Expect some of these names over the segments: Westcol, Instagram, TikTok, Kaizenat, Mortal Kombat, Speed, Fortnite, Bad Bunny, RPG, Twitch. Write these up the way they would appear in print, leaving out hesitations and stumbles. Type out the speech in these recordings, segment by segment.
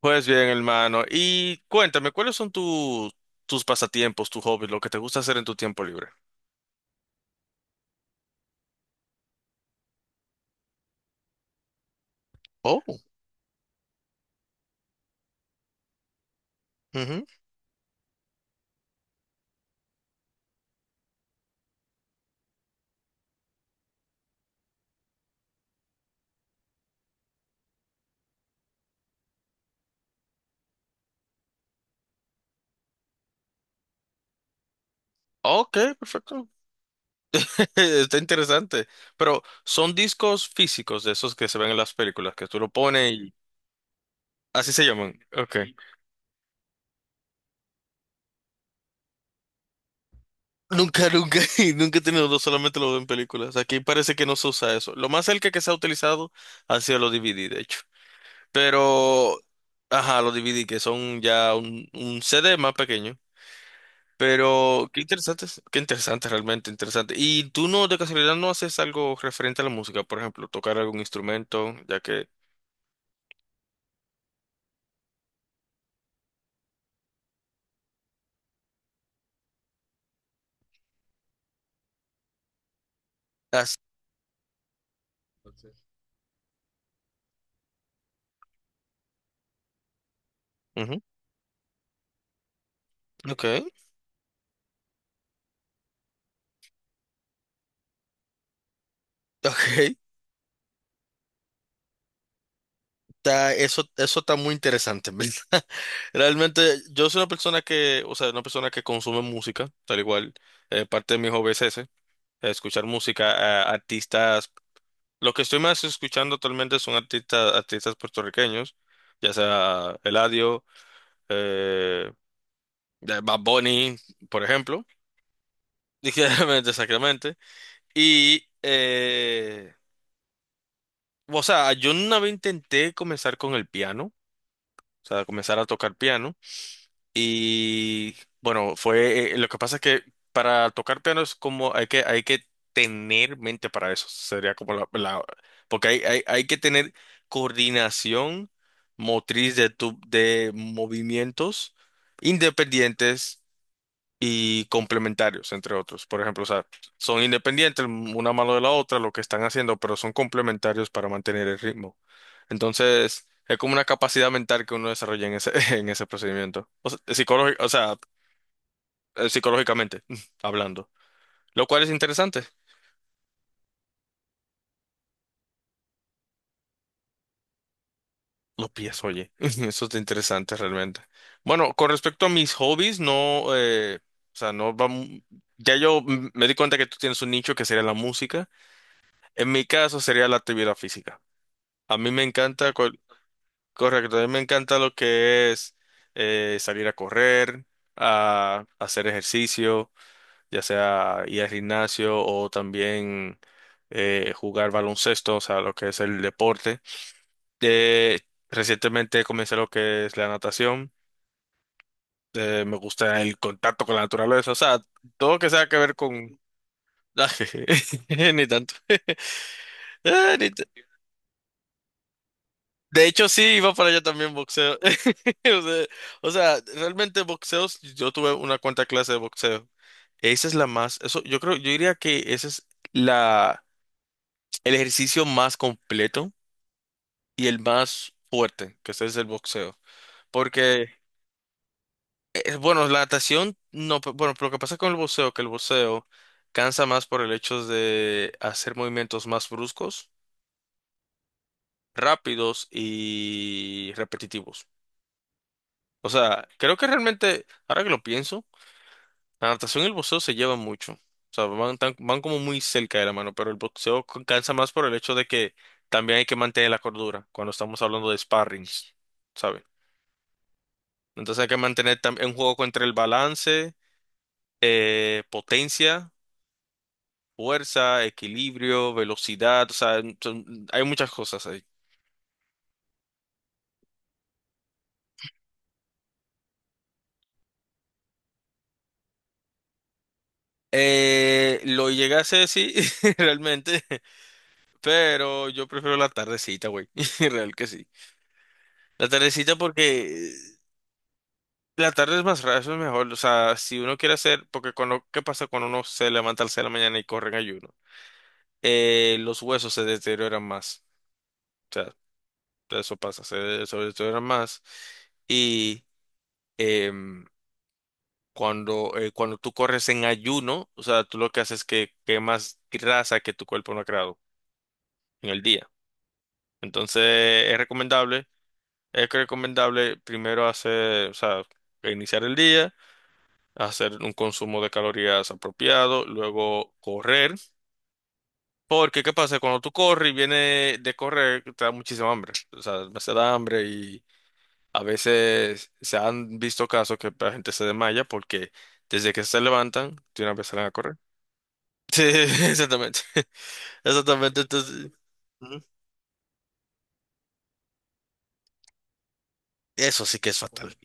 Pues bien, hermano. Y cuéntame, ¿cuáles son tus pasatiempos, tus hobbies, lo que te gusta hacer en tu tiempo libre? Oh, ujú. Ok, perfecto. Está interesante. Pero son discos físicos de esos que se ven en las películas, que tú lo pones y así se llaman. Ok. Nunca, nunca, y nunca he tenido dos, solamente lo veo en películas. Aquí parece que no se usa eso. Lo más cerca que se ha utilizado ha sido los DVD, de hecho. Pero, ajá, los DVD que son ya un CD más pequeño. Pero qué interesante, qué interesante, realmente interesante. ¿Y tú no, de casualidad, no haces algo referente a la música? Por ejemplo, tocar algún instrumento, ya que... Ah, sí. Ujú. Ok, ok. Eso está muy interesante, en ¿verdad? Realmente, yo soy una persona que, o sea, una persona que consume música, tal igual, parte de mi hobby es ese, escuchar música, a artistas. Lo que estoy más escuchando actualmente son artistas puertorriqueños, ya sea Eladio, eh, de Bad Bunny, por ejemplo, dije realmente, exactamente. Y, o sea, yo una vez intenté comenzar con el piano, o sea, comenzar a tocar piano. Y bueno, fue, lo que pasa es que para tocar piano es como, hay que tener mente para eso, sería como porque hay que tener coordinación motriz de movimientos independientes y complementarios, entre otros. Por ejemplo, o sea, son independientes una mano de la otra, lo que están haciendo, pero son complementarios para mantener el ritmo. Entonces, es como una capacidad mental que uno desarrolla en ese, en ese procedimiento. O sea, o sea, psicológicamente hablando. Lo cual es interesante. Los pies, oye, eso es interesante realmente. Bueno, con respecto a mis hobbies, no, o sea, no vamos, ya yo me di cuenta que tú tienes un nicho que sería la música. En mi caso sería la actividad física. A mí me encanta, correcto, a mí me encanta lo que es salir a correr, a hacer ejercicio, ya sea ir al gimnasio o también jugar baloncesto, o sea, lo que es el deporte. Eh, recientemente comencé lo que es la natación, me gusta el contacto con la naturaleza, o sea, todo lo que sea que ver con... Ni tanto, Ah, ni... De hecho, sí, iba para allá también boxeo. O sea, o sea, realmente boxeos, yo tuve una cuanta clase de boxeo. Esa es la más, eso, yo creo, yo diría que ese es la, el ejercicio más completo y el más fuerte, que ese es el boxeo. Porque, bueno, la natación, no, bueno, pero lo que pasa con el boxeo, que el boxeo cansa más por el hecho de hacer movimientos más bruscos, rápidos y repetitivos. O sea, creo que realmente, ahora que lo pienso, la natación y el boxeo se llevan mucho. O sea, van, van como muy cerca de la mano, pero el boxeo cansa más por el hecho de que también hay que mantener la cordura cuando estamos hablando de sparrings, ¿sabes? Entonces hay que mantener un juego entre el balance, potencia, fuerza, equilibrio, velocidad, o sea, hay muchas cosas ahí. Lo llegué a hacer, sí, realmente, pero yo prefiero la tardecita, güey, real que sí. La tardecita porque la tarde es más rara, eso es mejor. O sea, si uno quiere hacer, porque cuando, ¿qué pasa cuando uno se levanta al 6 de la mañana y corre en ayuno? Los huesos se deterioran más. O sea, eso pasa, se deterioran más. Y em, cuando tú corres en ayuno, o sea, tú lo que haces es que quemas grasa que tu cuerpo no ha creado en el día. Entonces, es recomendable, es recomendable primero hacer, o sea, iniciar el día. Hacer un consumo de calorías apropiado, luego correr, porque ¿qué pasa? Cuando tú corres y vienes de correr, te da muchísima hambre, o sea, se da hambre y a veces se han visto casos que la gente se desmaya porque desde que se levantan, de una vez salen a correr. Sí, exactamente, exactamente, entonces... Ujú. Eso sí que es fatal.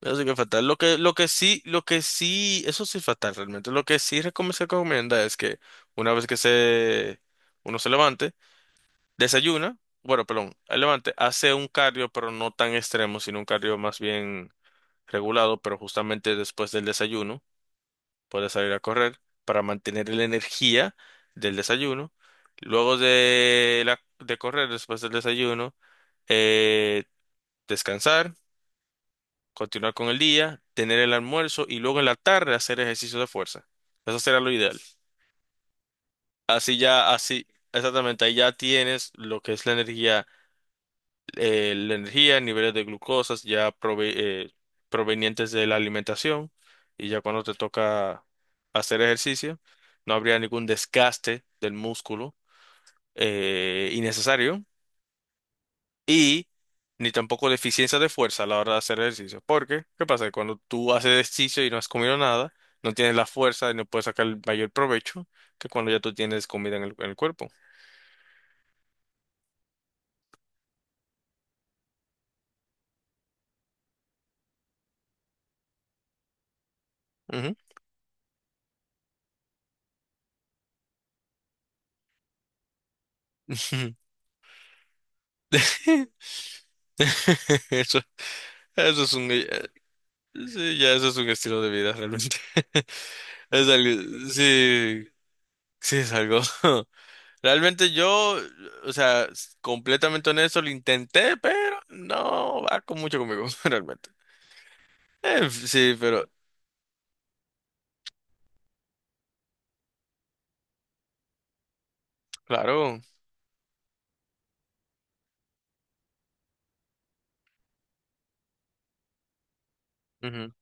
Eso sí que es fatal. Lo que sí, eso sí es fatal realmente. Lo que sí se recomienda es que una vez que uno se levante, desayuna, bueno, perdón, el levante hace un cardio, pero no tan extremo, sino un cardio más bien regulado, pero justamente después del desayuno puede salir a correr para mantener la energía del desayuno. Luego de correr, después del desayuno, eh, descansar, continuar con el día, tener el almuerzo y luego en la tarde hacer ejercicio de fuerza. Eso será lo ideal. Así ya, así, exactamente, ahí ya tienes lo que es la energía, la energía, niveles de glucosas ya eh, provenientes de la alimentación, y ya cuando te toca hacer ejercicio, no habría ningún desgaste del músculo innecesario y ni tampoco deficiencia de fuerza a la hora de hacer ejercicio. Porque, ¿qué pasa? Cuando tú haces ejercicio y no has comido nada, no tienes la fuerza y no puedes sacar el mayor provecho que cuando ya tú tienes comida en el cuerpo. Ujú. Eso, eso es un... Sí, ya eso es un estilo de vida realmente. Es algo, sí, sí es algo. Realmente yo, o sea, completamente honesto, lo intenté, pero no va con mucho conmigo, realmente. Sí, pero claro. Ujú.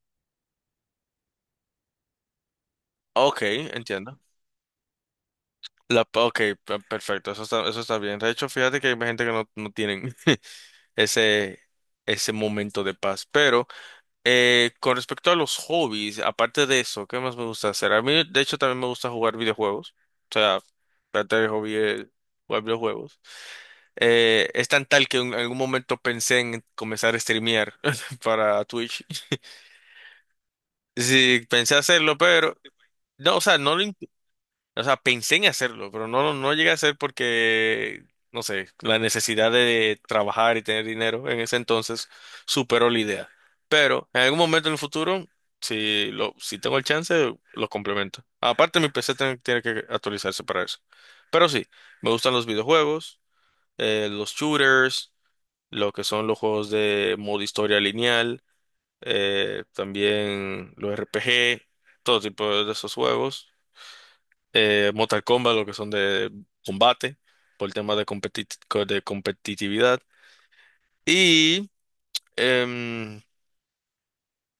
Ok, entiendo. Ok, perfecto, eso está bien. De hecho, fíjate que hay gente que no tienen ese, ese momento de paz, pero... con respecto a los hobbies, aparte de eso, ¿qué más me gusta hacer? A mí, de hecho, también me gusta jugar videojuegos. O sea, parte del hobby es jugar videojuegos. Es tan tal que en algún momento pensé en comenzar a streamear para Twitch. Sí, pensé hacerlo, pero no, o sea, no, lo... o sea, pensé en hacerlo, pero no llegué a hacer porque, no sé, la necesidad de trabajar y tener dinero en ese entonces superó la idea. Pero en algún momento en el futuro, si tengo el chance, lo complemento. Aparte, mi PC tiene que actualizarse para eso. Pero sí, me gustan los videojuegos, los shooters, lo que son los juegos de modo historia lineal, también los RPG, todo tipo de esos juegos, Mortal Kombat, lo que son de combate, por el tema de, de competitividad. Y em,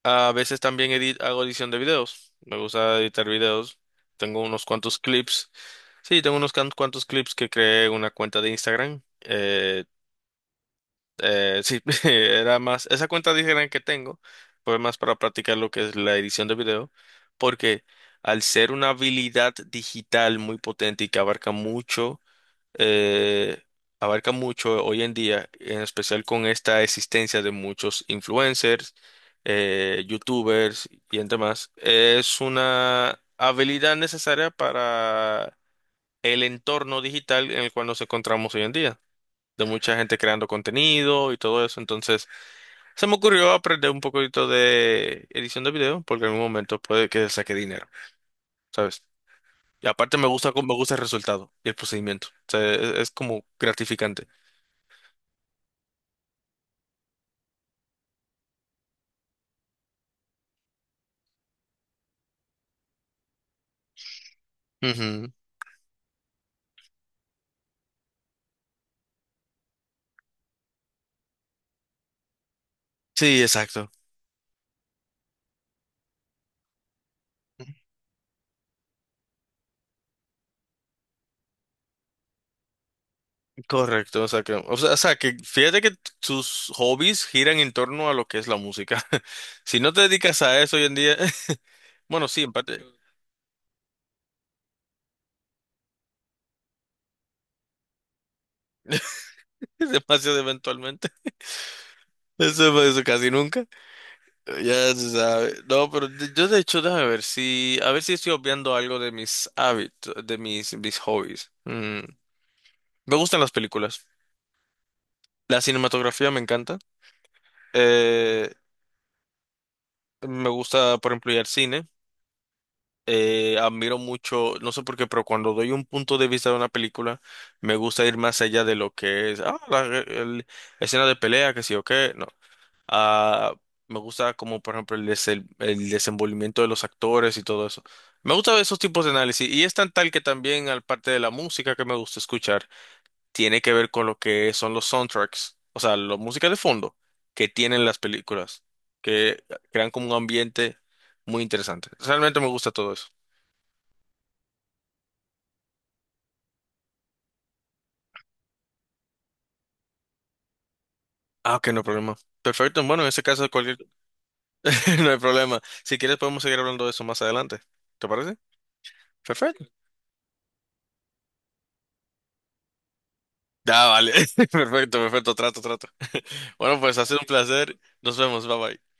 a veces también hago edición de videos. Me gusta editar videos. Tengo unos cuantos clips. Sí, tengo unos cuantos clips que creé en una cuenta de Instagram. Sí, era más, esa cuenta de Instagram que tengo fue más para practicar lo que es la edición de video, porque al ser una habilidad digital muy potente y que eh, abarca mucho hoy en día, en especial con esta existencia de muchos influencers, youtubers y entre más, es una habilidad necesaria para el entorno digital en el cual nos encontramos hoy en día, de mucha gente creando contenido y todo eso. Entonces, se me ocurrió aprender un poquito de edición de video, porque en un momento puede que saque dinero, ¿sabes? Y aparte me gusta el resultado y el procedimiento. O sea, es como gratificante. Ujú. Sí, exacto. Correcto, o sea que fíjate que tus hobbies giran en torno a lo que es la música. Si no te dedicas a eso hoy en día, bueno, sí, en parte. Demasiado eventualmente. Eso casi nunca. Ya se sabe. No, pero yo de hecho, déjame ver si, a ver si estoy obviando algo de mis hábitos, de mis hobbies. Me gustan las películas. La cinematografía me encanta. Eh, me gusta, por ejemplo, ir al cine. Admiro mucho, no sé por qué, pero cuando doy un punto de vista de una película, me gusta ir más allá de lo que es, escena de pelea, que sí o qué, no. Ah, me gusta como, por ejemplo, el desenvolvimiento de los actores y todo eso. Me gusta esos tipos de análisis y es tan tal que también, al parte de la música que me gusta escuchar, tiene que ver con lo que son los soundtracks, o sea, la música de fondo que tienen las películas, que crean como un ambiente muy interesante. Realmente me gusta todo eso. Ah, ok, no hay problema. Perfecto. Bueno, en ese caso, cualquier... no hay problema. Si quieres, podemos seguir hablando de eso más adelante. ¿Te parece? Perfecto. Ya, vale. Perfecto, perfecto. Trato, trato. Bueno, pues ha sido un placer. Nos vemos. Bye bye.